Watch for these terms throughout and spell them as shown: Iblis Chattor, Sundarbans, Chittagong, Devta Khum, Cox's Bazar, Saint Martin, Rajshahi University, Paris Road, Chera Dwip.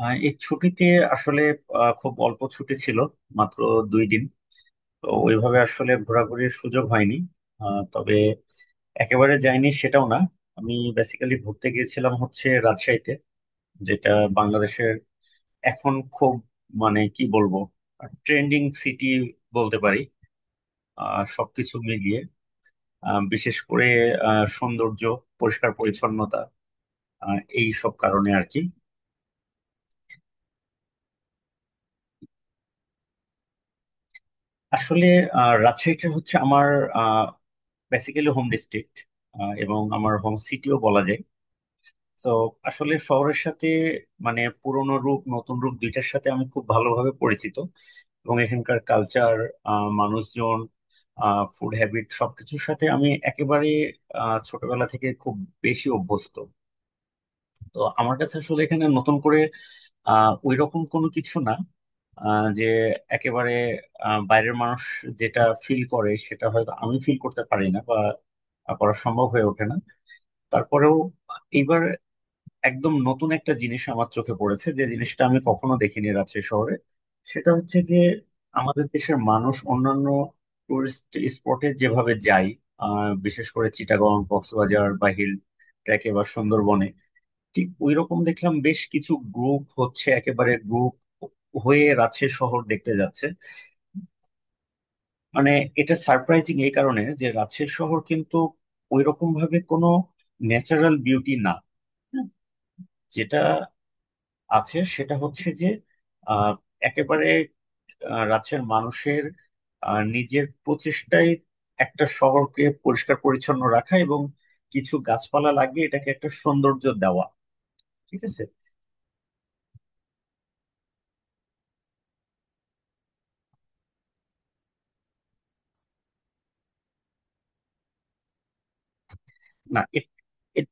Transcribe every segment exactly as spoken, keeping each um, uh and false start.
আহ, এই ছুটিতে আসলে আহ, খুব অল্প ছুটি ছিল, মাত্র দুই দিন। তো ওইভাবে আসলে ঘোরাঘুরির সুযোগ হয়নি। আহ, তবে একেবারে যাইনি সেটাও না। আমি বেসিক্যালি ঘুরতে গিয়েছিলাম হচ্ছে রাজশাহীতে, যেটা বাংলাদেশের এখন খুব, মানে কি বলবো, ট্রেন্ডিং সিটি বলতে পারি, আহ, সবকিছু মিলিয়ে। আহ, বিশেষ করে আহ, সৌন্দর্য, পরিষ্কার পরিচ্ছন্নতা, আহ, এই সব কারণে আর কি। আসলে আহ, রাজশাহীটা হচ্ছে আমার বেসিক্যালি হোম ডিস্ট্রিক্ট, এবং আমার হোম সিটিও বলা যায়। তো আসলে শহরের সাথে, মানে পুরনো রূপ নতুন রূপ দুইটার সাথে আমি খুব ভালোভাবে পরিচিত। এবং এখানকার কালচার, মানুষজন, ফুড হ্যাবিট সবকিছুর সাথে আমি একেবারে আহ, ছোটবেলা থেকে খুব বেশি অভ্যস্ত। তো আমার কাছে আসলে এখানে নতুন করে আহ ওই রকম কোনো কিছু না, আহ, যে একেবারে আহ, বাইরের মানুষ যেটা ফিল করে সেটা হয়তো আমি ফিল করতে পারি না, বা করা সম্ভব হয়ে ওঠে না। তারপরেও এইবার একদম নতুন একটা জিনিস আমার চোখে পড়েছে, যে জিনিসটা আমি কখনো দেখিনি রাজশাহী শহরে। সেটা হচ্ছে যে, আমাদের দেশের মানুষ অন্যান্য টুরিস্ট স্পটে যেভাবে যায়, আহ, বিশেষ করে চিটাগং, কক্সবাজার বা হিল ট্রেকে বা সুন্দরবনে, ঠিক ওই রকম দেখলাম বেশ কিছু গ্রুপ হচ্ছে, একেবারে গ্রুপ হয়ে রাজশাহী শহর দেখতে যাচ্ছে। মানে এটা সারপ্রাইজিং এই কারণে যে রাজশাহী শহর কিন্তু ওই রকম ভাবে কোনো ন্যাচারাল বিউটি না। হুম, যেটা আছে সেটা হচ্ছে যে আহ, একেবারে আহ, রাজ্যের মানুষের আহ, নিজের প্রচেষ্টায় একটা শহরকে পরিষ্কার পরিচ্ছন্ন রাখা, এবং কিছু গাছপালা লাগিয়ে এটাকে একটা সৌন্দর্য দেওয়া। ঠিক আছে। না, এ- এ-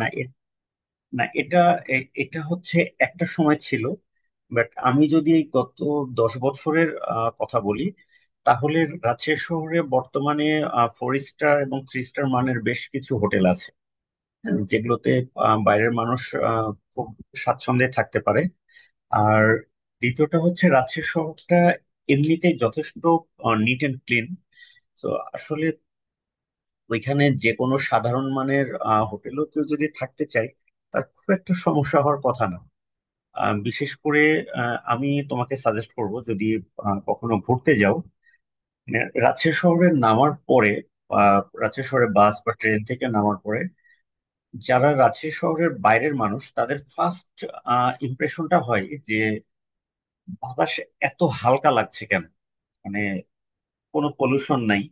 না এ- না এটা, এ- এটা হচ্ছে একটা সময় ছিল। বাট আমি যদি এই গত দশ বছরের আহ, কথা বলি, তাহলে রাজশাহী শহরে বর্তমানে ফোর স্টার এবং থ্রি স্টার মানের বেশ কিছু হোটেল আছে, যেগুলোতে আহ, বাইরের মানুষ আহ, খুব স্বাচ্ছন্দ্যে থাকতে পারে। আর দ্বিতীয়টা হচ্ছে রাজশাহী শহরটা এমনিতেই যথেষ্ট নিট অ্যান্ড ক্লিন। তো আসলে ওইখানে যে কোনো সাধারণ মানের হোটেলও কেউ যদি থাকতে চায়, তার খুব একটা সমস্যা হওয়ার কথা না। আহ, বিশেষ করে আহ, আমি তোমাকে সাজেস্ট করব, যদি আহ, কখনো ঘুরতে যাও মানে রাজশাহী শহরে নামার পরে, আহ, রাজশাহী শহরে বাস বা ট্রেন থেকে নামার পরে, যারা রাজশাহী শহরের বাইরের মানুষ তাদের ফার্স্ট ইমপ্রেশনটা হয় যে, বাতাস এত হালকা লাগছে কেন, মানে কোনো পলিউশন নাই।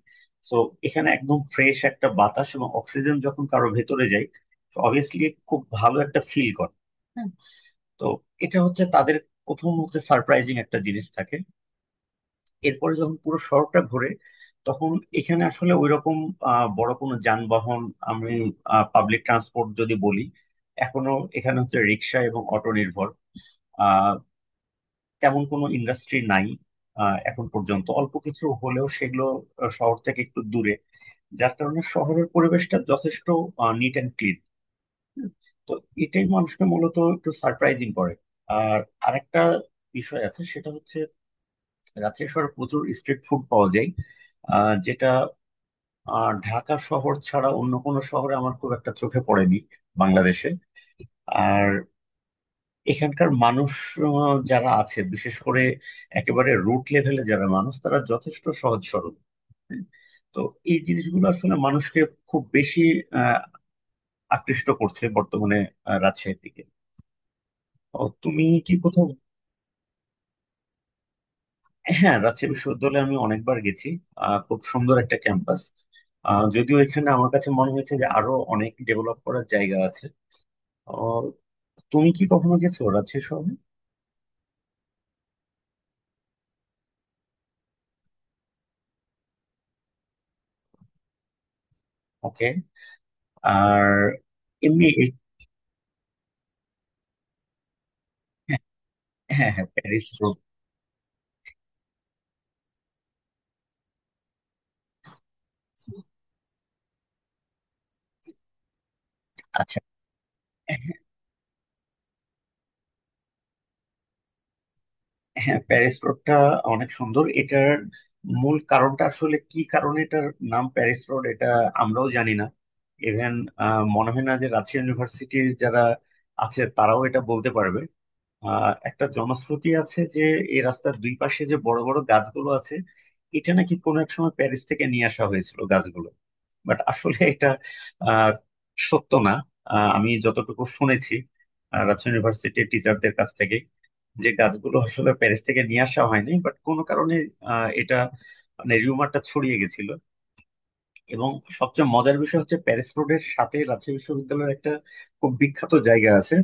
তো এখানে একদম ফ্রেশ একটা বাতাস এবং অক্সিজেন যখন কারো ভেতরে যায়, অবভিয়াসলি খুব ভালো একটা ফিল করে। হ্যাঁ। তো এটা হচ্ছে তাদের প্রথম হচ্ছে সারপ্রাইজিং একটা জিনিস থাকে। এরপরে যখন পুরো শহরটা ঘোরে, তখন এখানে আসলে ওইরকম আহ, বড় কোনো যানবাহন, আমি পাবলিক ট্রান্সপোর্ট যদি বলি, এখনো এখানে হচ্ছে রিক্সা এবং অটো নির্ভর। আহ তেমন কোনো ইন্ডাস্ট্রি নাই, আহ, এখন পর্যন্ত অল্প কিছু হলেও সেগুলো আহ, শহর থেকে একটু দূরে। যার কারণে শহরের পরিবেশটা যথেষ্ট নিট অ্যান্ড ক্লিন। তো এটাই মানুষকে মূলত একটু সারপ্রাইজিং করে। আর আরেকটা বিষয় আছে সেটা হচ্ছে, রাজশাহী শহরে প্রচুর স্ট্রিট ফুড পাওয়া যায়, আহ, যেটা আহ, ঢাকা শহর ছাড়া অন্য কোনো শহরে আমার খুব একটা চোখে পড়েনি বাংলাদেশে। আর এখানকার মানুষ, আহ, যারা আছে বিশেষ করে একেবারে রুট লেভেলে যারা মানুষ, তারা যথেষ্ট সহজ সরল। হ্যাঁ। তো এই জিনিসগুলো আসলে মানুষকে খুব বেশি আহ, আকৃষ্ট করছে বর্তমানে, আহ, রাজশাহীর দিকে। ও, তুমি কি কোথাও। হ্যাঁ, রাজশাহী বিশ্ববিদ্যালয়ে আমি অনেকবার গেছি। আহ, খুব সুন্দর একটা ক্যাম্পাস, যদিও এখানে আমার কাছে মনে হয়েছে যে আরো অনেক ডেভেলপ করার জায়গা আছে। আহ, তুমি কি কখনো গেছো রাজশাহী শহরে? ওকে। আর এমনি। হ্যাঁ, হ্যাঁ, হ্যাঁ, প্যারিস রোড। আচ্ছা। হ্যাঁ, প্যারিস রোডটা অনেক সুন্দর। এটার মূল কারণটা আসলে কি কারণে এটার নাম প্যারিস রোড, এটা আমরাও জানি না। ইভেন মনে হয় না যে রাজশাহী ইউনিভার্সিটির যারা আছে তারাও এটা বলতে পারবে। আহ একটা জনশ্রুতি আছে যে এই রাস্তার দুই পাশে যে বড় বড় গাছগুলো আছে, এটা নাকি কোনো এক সময় প্যারিস থেকে নিয়ে আসা হয়েছিল গাছগুলো। বাট আসলে এটা আহ সত্য না। আহ, আমি যতটুকু শুনেছি আহ, রাজশাহী ইউনিভার্সিটির টিচারদের কাছ থেকে, যে গাছগুলো আসলে প্যারিস থেকে নিয়ে আসা হয়নি, বাট কোনো কারণে আহ এটা মানে রিউমারটা ছড়িয়ে গেছিল। এবং সবচেয়ে মজার বিষয় হচ্ছে, প্যারিস রোডের সাথে রাজশাহী বিশ্ববিদ্যালয়ের একটা খুব বিখ্যাত জায়গা আছে।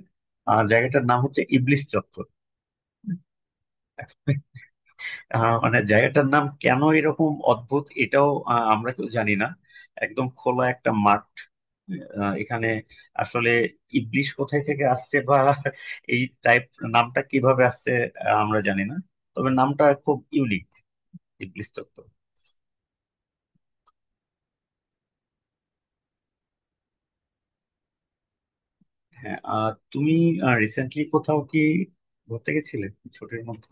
আহ জায়গাটার নাম হচ্ছে ইবলিস চত্বর। আহ, মানে জায়গাটার নাম কেন এরকম অদ্ভুত এটাও আহ, আমরা কেউ জানি না। একদম খোলা একটা মাঠ। আহ, এখানে আসলে ইবলিশ কোথায় থেকে আসছে, বা এই টাইপ নামটা কিভাবে আসছে, আহ, আমরা জানি না। তবে নামটা খুব ইউনিক, ইবলিশ চত্বর। হ্যাঁ। আহ, তুমি রিসেন্টলি কোথাও কি ঘুরতে গেছিলে ছুটির মধ্যে?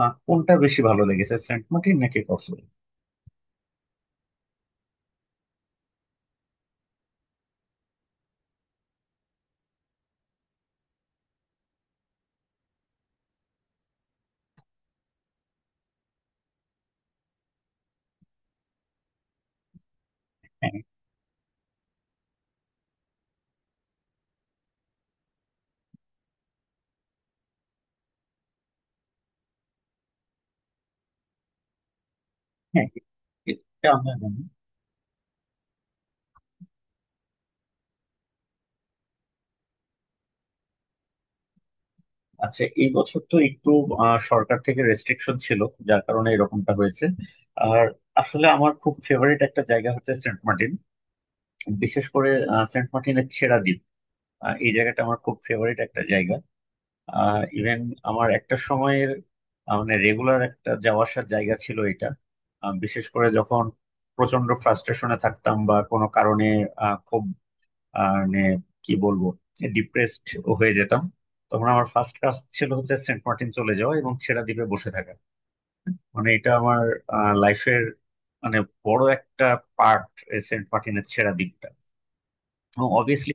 আহ, কোনটা বেশি ভালো লেগেছে, সেন্ট মার্টিন নাকি কক্সবাজার? হ্যাঁ, হ্যাঁ। এটা আমরা জানি। আচ্ছা, এই বছর তো একটু আহ, সরকার থেকে রেস্ট্রিকশন ছিল, যার কারণে এরকমটা হয়েছে। আর আসলে আমার খুব ফেভারিট একটা জায়গা হচ্ছে সেন্ট মার্টিন, বিশেষ করে আহ, সেন্ট মার্টিনের ছেড়া দ্বীপ। আহ, এই জায়গাটা আমার খুব ফেভারিট একটা জায়গা। ইভেন আমার একটা সময়ের আহ, মানে রেগুলার একটা যাওয়া আসার জায়গা ছিল এটা। আহ, বিশেষ করে যখন প্রচন্ড ফ্রাস্ট্রেশনে থাকতাম, বা কোনো কারণে আহ, খুব, মানে কি বলবো, ডিপ্রেসড হয়ে যেতাম, তখন আমার ফার্স্ট কাজ ছিল হচ্ছে সেন্ট মার্টিন চলে যাওয়া এবং ছেড়া দ্বীপে বসে থাকা। মানে এটা আমার লাইফের মানে বড় একটা পার্ট, সেন্ট মার্টিনের ছেড়া দ্বীপটা, অবভিয়াসলি।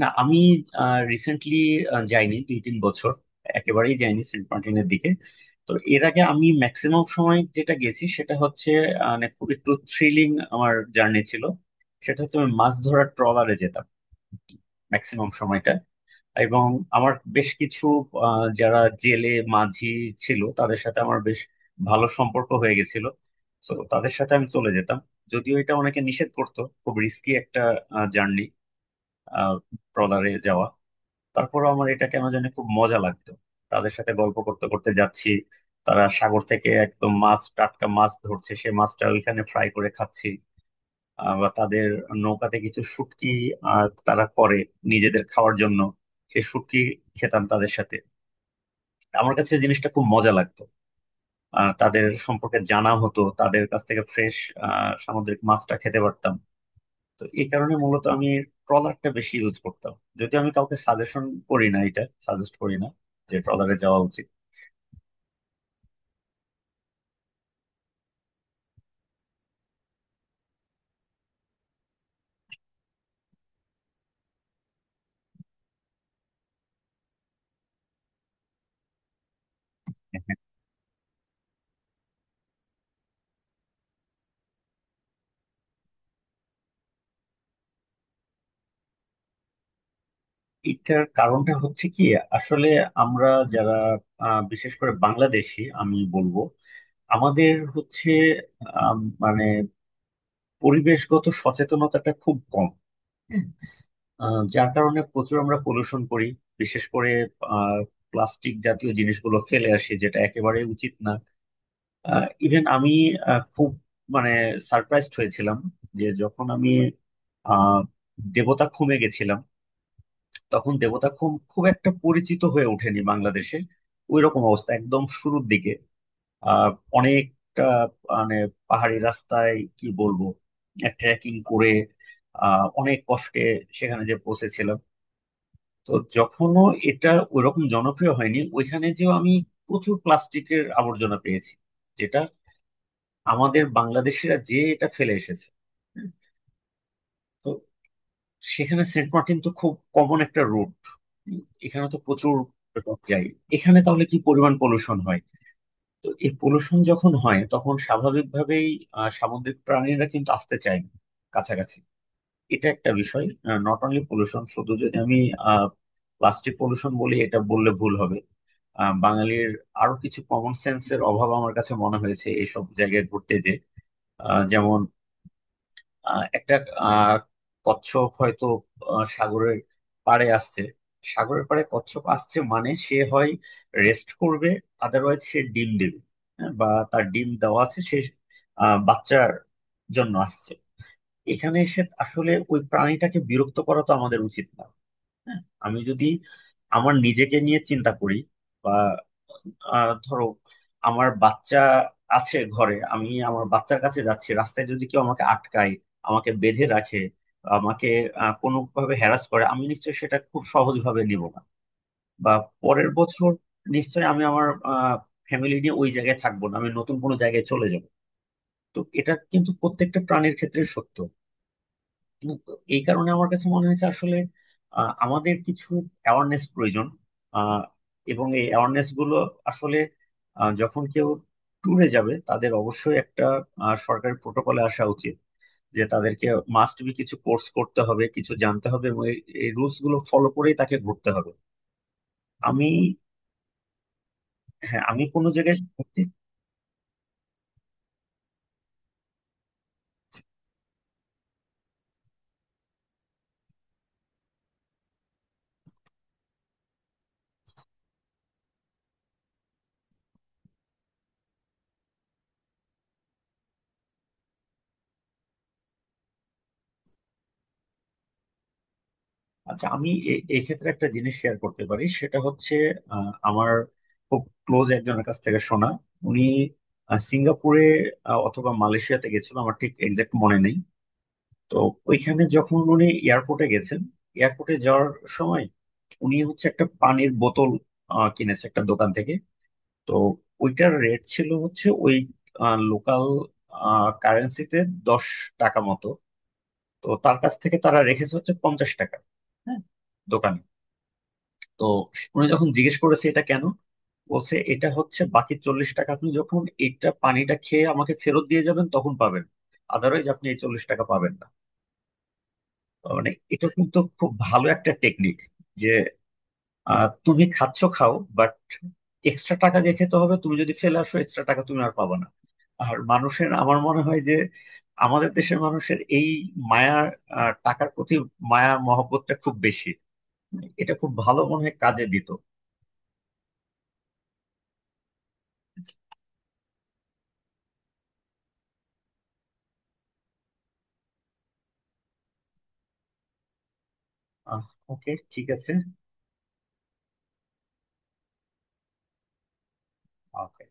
না, আমি রিসেন্টলি যাইনি, দুই তিন বছর একেবারেই যাইনি সেন্ট মার্টিনের দিকে। তো এর আগে আমি ম্যাক্সিমাম সময় যেটা গেছি সেটা হচ্ছে, আহ, মানে খুব একটু থ্রিলিং আমার জার্নি ছিল। সেটা হচ্ছে আমি মাছ ধরার ট্রলারে যেতাম ম্যাক্সিমাম সময়টা। এবং আমার বেশ কিছু আহ, যারা জেলে মাঝি ছিল তাদের সাথে আমার বেশ ভালো সম্পর্ক হয়ে গেছিল। তো তাদের সাথে আমি চলে যেতাম, যদিও এটা অনেকে নিষেধ করতো, খুব রিস্কি একটা জার্নি, ট্রলারে যাওয়া। তারপরে আমার এটা কেন জানি খুব মজা লাগতো। তাদের সাথে গল্প করতে করতে যাচ্ছি, তারা সাগর থেকে একদম মাছ টাটকা মাছ ধরছে, সে মাছটা ওইখানে ফ্রাই করে খাচ্ছি। আহ, বা তাদের নৌকাতে কিছু শুটকি আহ, তারা করে নিজেদের খাওয়ার জন্য, সেই শুটকি খেতাম তাদের সাথে। আমার কাছে জিনিসটা খুব মজা লাগতো। আহ, তাদের সম্পর্কে জানা হতো, তাদের কাছ থেকে ফ্রেশ সামুদ্রিক মাছটা খেতে পারতাম। তো এই কারণে মূলত আমি ট্রলারটা বেশি ইউজ করতাম। যদি আমি কাউকে সাজেশন করি, না এটা সাজেস্ট করি না যে ট্রলারে যাওয়া উচিত। হ্যাঁ। এটার কারণটা হচ্ছে কি? আসলে আমরা যারা আহ, বিশেষ করে বাংলাদেশি, আমি বলবো, আমাদের হচ্ছে আম, মানে পরিবেশগত সচেতনতাটা খুব কম। আহ, যার কারণে প্রচুর আমরা পলিউশন করি, বিশেষ করে প্লাস্টিক জাতীয় জিনিসগুলো ফেলে আসি, যেটা একেবারে উচিত না। ইভেন আমি আহ, খুব, মানে সারপ্রাইজড হয়েছিলাম যে যখন আমি আহ দেবতা খুমে গেছিলাম, তখন দেবতা খুম খুব একটা পরিচিত হয়ে ওঠেনি বাংলাদেশে, ওই রকম অবস্থা একদম শুরুর দিকে। আহ অনেক, মানে পাহাড়ি রাস্তায়, কি বলবো, ট্রেকিং করে আহ অনেক কষ্টে সেখানে যে পৌঁছেছিলাম। তো যখনও এটা ওইরকম জনপ্রিয় হয়নি, ওইখানে যেও আমি প্রচুর প্লাস্টিকের আবর্জনা পেয়েছি, যেটা আমাদের বাংলাদেশিরা যে এটা ফেলে এসেছে। হুম, তো সেখানে সেন্ট মার্টিন তো খুব কমন একটা রুট, এখানে তো প্রচুর পর্যটক যায়, এখানে তাহলে কি পরিমাণ পলিউশন হয়। তো এই পলুশন যখন হয় তখন স্বাভাবিকভাবেই আহ, সামুদ্রিক প্রাণীরা কিন্তু আসতে চায় না কাছাকাছি। এটা একটা বিষয়। নট অনলি পলুশন, শুধু যদি আমি প্লাস্টিক পলুশন বলি এটা বললে ভুল হবে। আহ, বাঙালির আরো কিছু কমন সেন্সের অভাব আমার কাছে মনে হয়েছে এইসব জায়গায় ঘুরতে, যে আহ, যেমন আহ, একটা আহ, কচ্ছপ হয়তো আহ, সাগরের পাড়ে আসছে। সাগরের পাড়ে কচ্ছপ আসছে মানে সে হয় রেস্ট করবে, আদারওয়াইজ সে ডিম দেবে। হ্যাঁ, বা তার ডিম দেওয়া আছে, সে আহ, বাচ্চার জন্য আসছে। এখানে এসে আসলে ওই প্রাণীটাকে বিরক্ত করা তো আমাদের উচিত না। হ্যাঁ। আমি যদি আমার নিজেকে নিয়ে চিন্তা করি, বা আহ ধরো আমার বাচ্চা আছে ঘরে, আমি আমার বাচ্চার কাছে যাচ্ছি, রাস্তায় যদি কেউ আমাকে আটকায়, আমাকে বেঁধে রাখে, আমাকে আহ, কোনোভাবে হ্যারাস করে, আমি নিশ্চয়ই সেটা খুব সহজভাবে নিব না। বা পরের বছর নিশ্চয়ই আমি আমার ফ্যামিলি নিয়ে ওই জায়গায় থাকবো না, আমি নতুন কোনো জায়গায় চলে যাব। তো এটা কিন্তু প্রত্যেকটা প্রাণীর ক্ষেত্রে সত্য। কিন্তু এই কারণে আমার কাছে মনে হয়েছে আসলে আহ, আমাদের কিছু অ্যাওয়ারনেস প্রয়োজন। আহ, এবং এই অ্যাওয়ারনেস গুলো আসলে আহ, যখন কেউ ট্যুরে যাবে তাদের অবশ্যই একটা আহ, সরকারি প্রোটোকলে আসা উচিত। যে তাদেরকে মাস্ট বি কিছু কোর্স করতে হবে, কিছু জানতে হবে, এবং এই রুলস গুলো ফলো করেই তাকে ঘুরতে হবে। আমি হ্যাঁ, আমি কোনো জায়গায় ঘুরতে। আচ্ছা, আমি এ- এক্ষেত্রে একটা জিনিস শেয়ার করতে পারি, সেটা হচ্ছে, আহ, আমার খুব ক্লোজ একজনের কাছ থেকে শোনা। উনি আহ, সিঙ্গাপুরে আহ, অথবা মালয়েশিয়াতে গেছিল, আমার ঠিক এক্সাক্ট মনে নেই। তো ওইখানে যখন উনি এয়ারপোর্টে গেছেন, এয়ারপোর্টে যাওয়ার সময়, উনি হচ্ছে একটা পানির বোতল আহ, কিনেছে একটা দোকান থেকে। তো ওইটার রেট ছিল হচ্ছে ওই লোকাল কারেন্সিতে দশ টাকা মতো। তো তার কাছ থেকে তারা রেখেছে হচ্ছে পঞ্চাশ টাকা। হ্যাঁ, দোকানে। তো উনি যখন জিজ্ঞেস করেছে এটা কেন, বলছে এটা হচ্ছে বাকি চল্লিশ টাকা, আপনি যখন এটা পানিটা খেয়ে আমাকে ফেরত দিয়ে যাবেন তখন পাবেন, আদারওয়াইজ আপনি এই চল্লিশ টাকা পাবেন না। তার মানে এটা কিন্তু খুব ভালো একটা টেকনিক, যে আহ, তুমি খাচ্ছ খাও, বাট এক্সট্রা টাকা দিয়ে খেতে হবে, তুমি যদি ফেলে আসো এক্সট্রা টাকা তুমি আর পাবে না। আর মানুষের আমার মনে হয় যে, আমাদের দেশের মানুষের এই মায়া, আহ, টাকার প্রতি মায়া মহব্বতটা খুব বেশি। এটা খুব ভালো মনে হয় কাজে দিত। আহ ওকে। ঠিক আছে। ওকে।